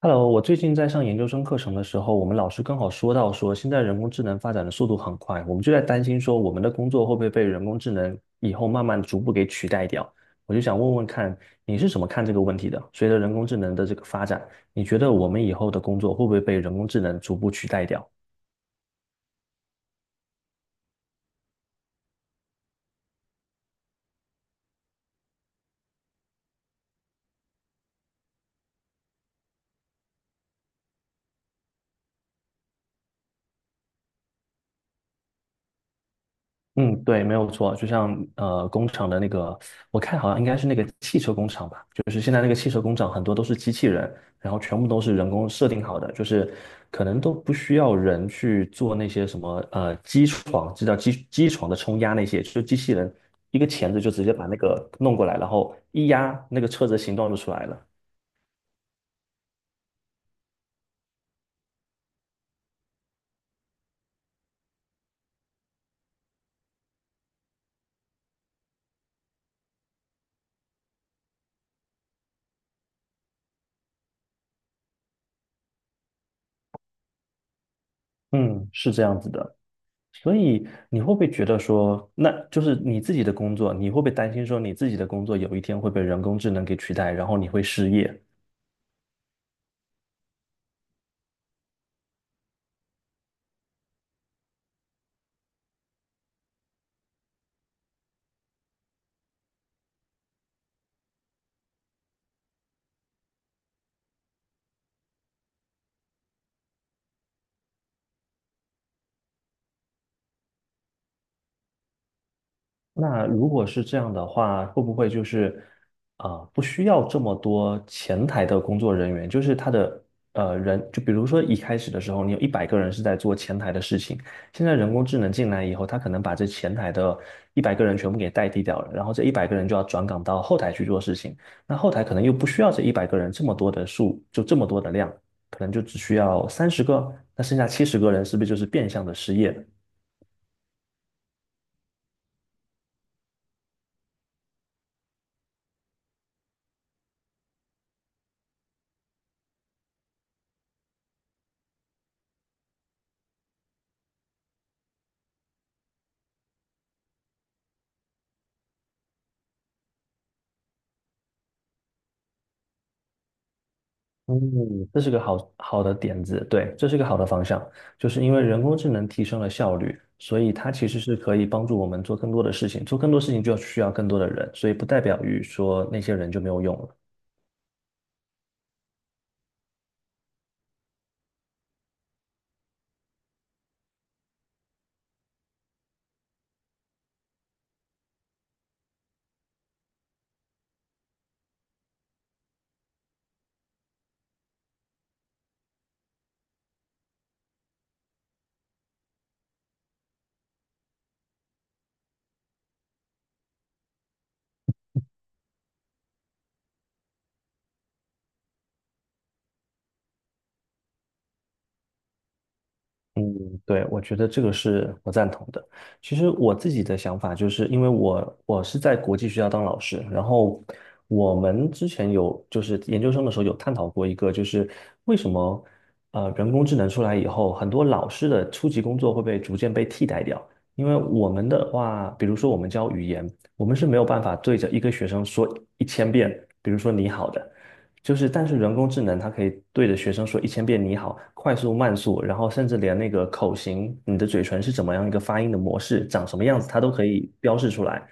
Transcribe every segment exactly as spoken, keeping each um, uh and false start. Hello，我最近在上研究生课程的时候，我们老师刚好说到说，现在人工智能发展的速度很快，我们就在担心说，我们的工作会不会被人工智能以后慢慢逐步给取代掉？我就想问问看，你是怎么看这个问题的？随着人工智能的这个发展，你觉得我们以后的工作会不会被人工智能逐步取代掉？嗯，对，没有错，就像呃，工厂的那个，我看好像应该是那个汽车工厂吧，就是现在那个汽车工厂很多都是机器人，然后全部都是人工设定好的，就是可能都不需要人去做那些什么呃机床，知叫机机床的冲压那些，就是机器人一个钳子就直接把那个弄过来，然后一压，那个车子形状就出来了。嗯，是这样子的。所以你会不会觉得说，那就是你自己的工作，你会不会担心说你自己的工作有一天会被人工智能给取代，然后你会失业？那如果是这样的话，会不会就是啊、呃不需要这么多前台的工作人员？就是他的呃人，就比如说一开始的时候，你有一百个人是在做前台的事情，现在人工智能进来以后，他可能把这前台的一百个人全部给代替掉了，然后这一百个人就要转岗到后台去做事情，那后台可能又不需要这一百个人这么多的数，就这么多的量，可能就只需要三十个，那剩下七十个人是不是就是变相的失业了？嗯，这是个好好的点子，对，这是个好的方向，就是因为人工智能提升了效率，所以它其实是可以帮助我们做更多的事情，做更多事情就需要更多的人，所以不代表于说那些人就没有用了。嗯，对，我觉得这个是我赞同的。其实我自己的想法就是，因为我我是在国际学校当老师，然后我们之前有就是研究生的时候有探讨过一个，就是为什么呃人工智能出来以后，很多老师的初级工作会被逐渐被替代掉。因为我们的话，比如说我们教语言，我们是没有办法对着一个学生说一千遍，比如说你好的。就是，但是人工智能它可以对着学生说一千遍你好，快速、慢速，然后甚至连那个口型，你的嘴唇是怎么样一个发音的模式，长什么样子，它都可以标示出来。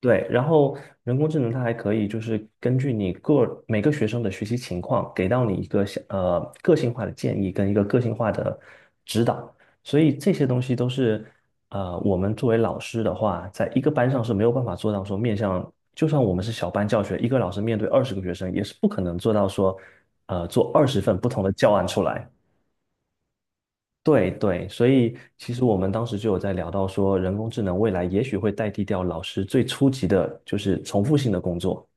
对，然后人工智能它还可以就是根据你个每个学生的学习情况，给到你一个像呃个性化的建议跟一个个性化的指导，所以这些东西都是呃我们作为老师的话，在一个班上是没有办法做到说面向，就算我们是小班教学，一个老师面对二十个学生，也是不可能做到说呃做二十份不同的教案出来。对对，所以其实我们当时就有在聊到说，人工智能未来也许会代替掉老师最初级的，就是重复性的工作。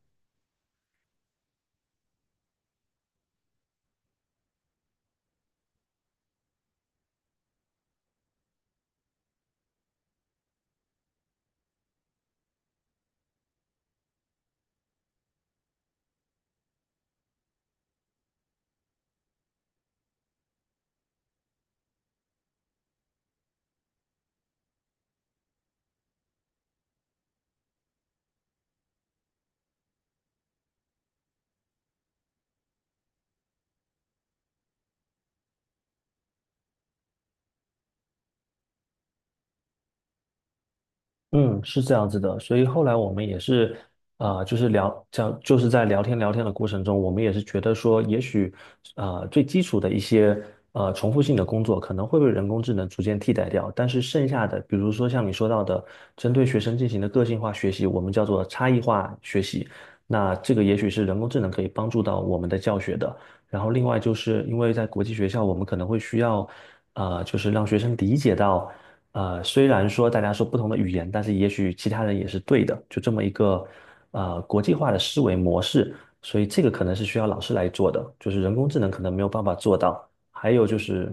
嗯，是这样子的，所以后来我们也是，啊、就是聊，这样就是在聊天聊天的过程中，我们也是觉得说，也许，啊最基础的一些呃重复性的工作可能会被人工智能逐渐替代掉，但是剩下的，比如说像你说到的，针对学生进行的个性化学习，我们叫做差异化学习，那这个也许是人工智能可以帮助到我们的教学的。然后另外就是因为在国际学校，我们可能会需要，啊，就是让学生理解到。呃，虽然说大家说不同的语言，但是也许其他人也是对的，就这么一个呃国际化的思维模式，所以这个可能是需要老师来做的，就是人工智能可能没有办法做到。还有就是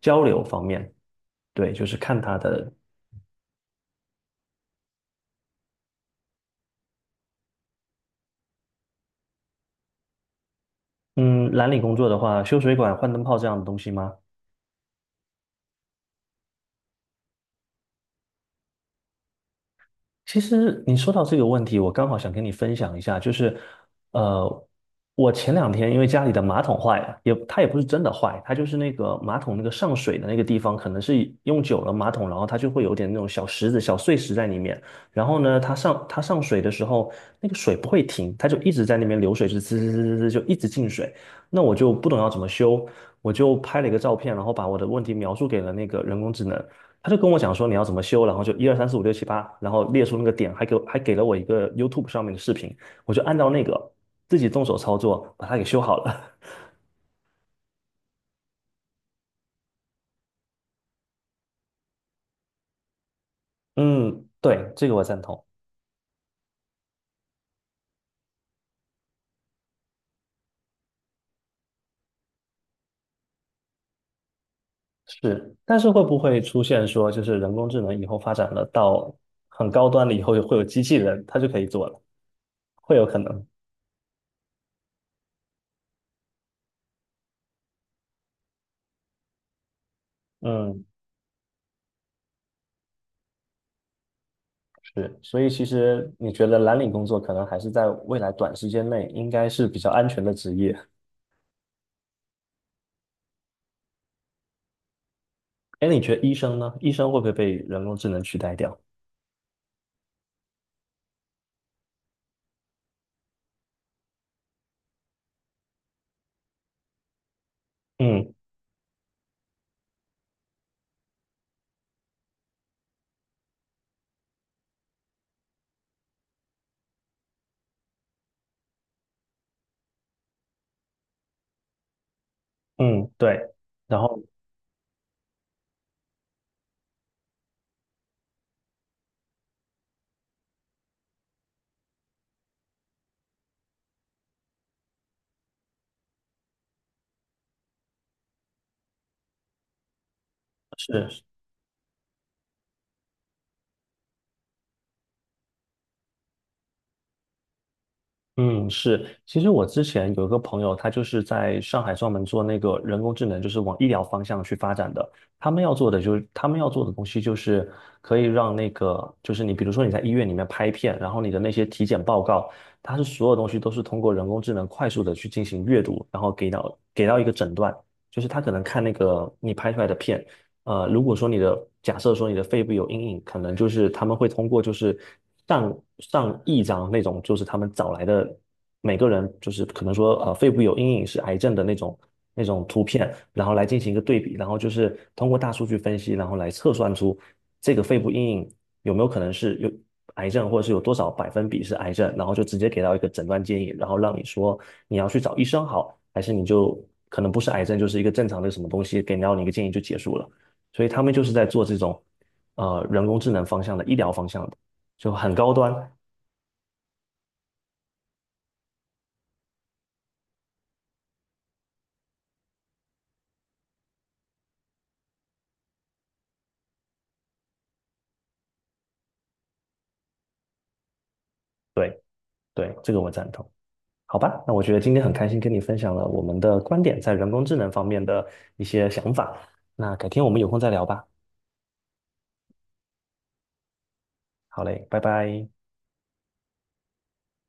交流方面，对，就是看他的，嗯，蓝领工作的话，修水管、换灯泡这样的东西吗？其实你说到这个问题，我刚好想跟你分享一下，就是，呃，我前两天因为家里的马桶坏了，也它也不是真的坏，它就是那个马桶那个上水的那个地方，可能是用久了马桶，然后它就会有点那种小石子、小碎石在里面。然后呢，它上它上水的时候，那个水不会停，它就一直在那边流水，是滋滋滋滋滋就一直进水。那我就不懂要怎么修，我就拍了一个照片，然后把我的问题描述给了那个人工智能。他就跟我讲说你要怎么修，然后就一二三四五六七八，然后列出那个点，还给我还给了我一个 YouTube 上面的视频，我就按照那个自己动手操作把它给修好了。嗯，对，这个我赞同。是，但是会不会出现说，就是人工智能以后发展了到很高端了以后，会有机器人，它就可以做了，会有可能。嗯，是，所以其实你觉得蓝领工作可能还是在未来短时间内应该是比较安全的职业。哎，你觉得医生呢？医生会不会被人工智能取代掉？嗯嗯，对，然后是，嗯是，其实我之前有一个朋友，他就是在上海专门做那个人工智能，就是往医疗方向去发展的。他们要做的就是，他们要做的东西就是可以让那个，就是你比如说你在医院里面拍片，然后你的那些体检报告，它是所有东西都是通过人工智能快速的去进行阅读，然后给到给到一个诊断，就是他可能看那个你拍出来的片。呃，如果说你的假设说你的肺部有阴影，可能就是他们会通过就是上上亿张那种，就是他们找来的每个人就是可能说呃肺部有阴影是癌症的那种那种图片，然后来进行一个对比，然后就是通过大数据分析，然后来测算出这个肺部阴影有没有可能是有癌症，或者是有多少百分比是癌症，然后就直接给到一个诊断建议，然后让你说你要去找医生好，还是你就可能不是癌症，就是一个正常的什么东西，给到你一个建议就结束了。所以他们就是在做这种呃人工智能方向的医疗方向的，就很高端。对对，这个我赞同。好吧，那我觉得今天很开心跟你分享了我们的观点在人工智能方面的一些想法。那改天我们有空再聊吧。好嘞，拜拜。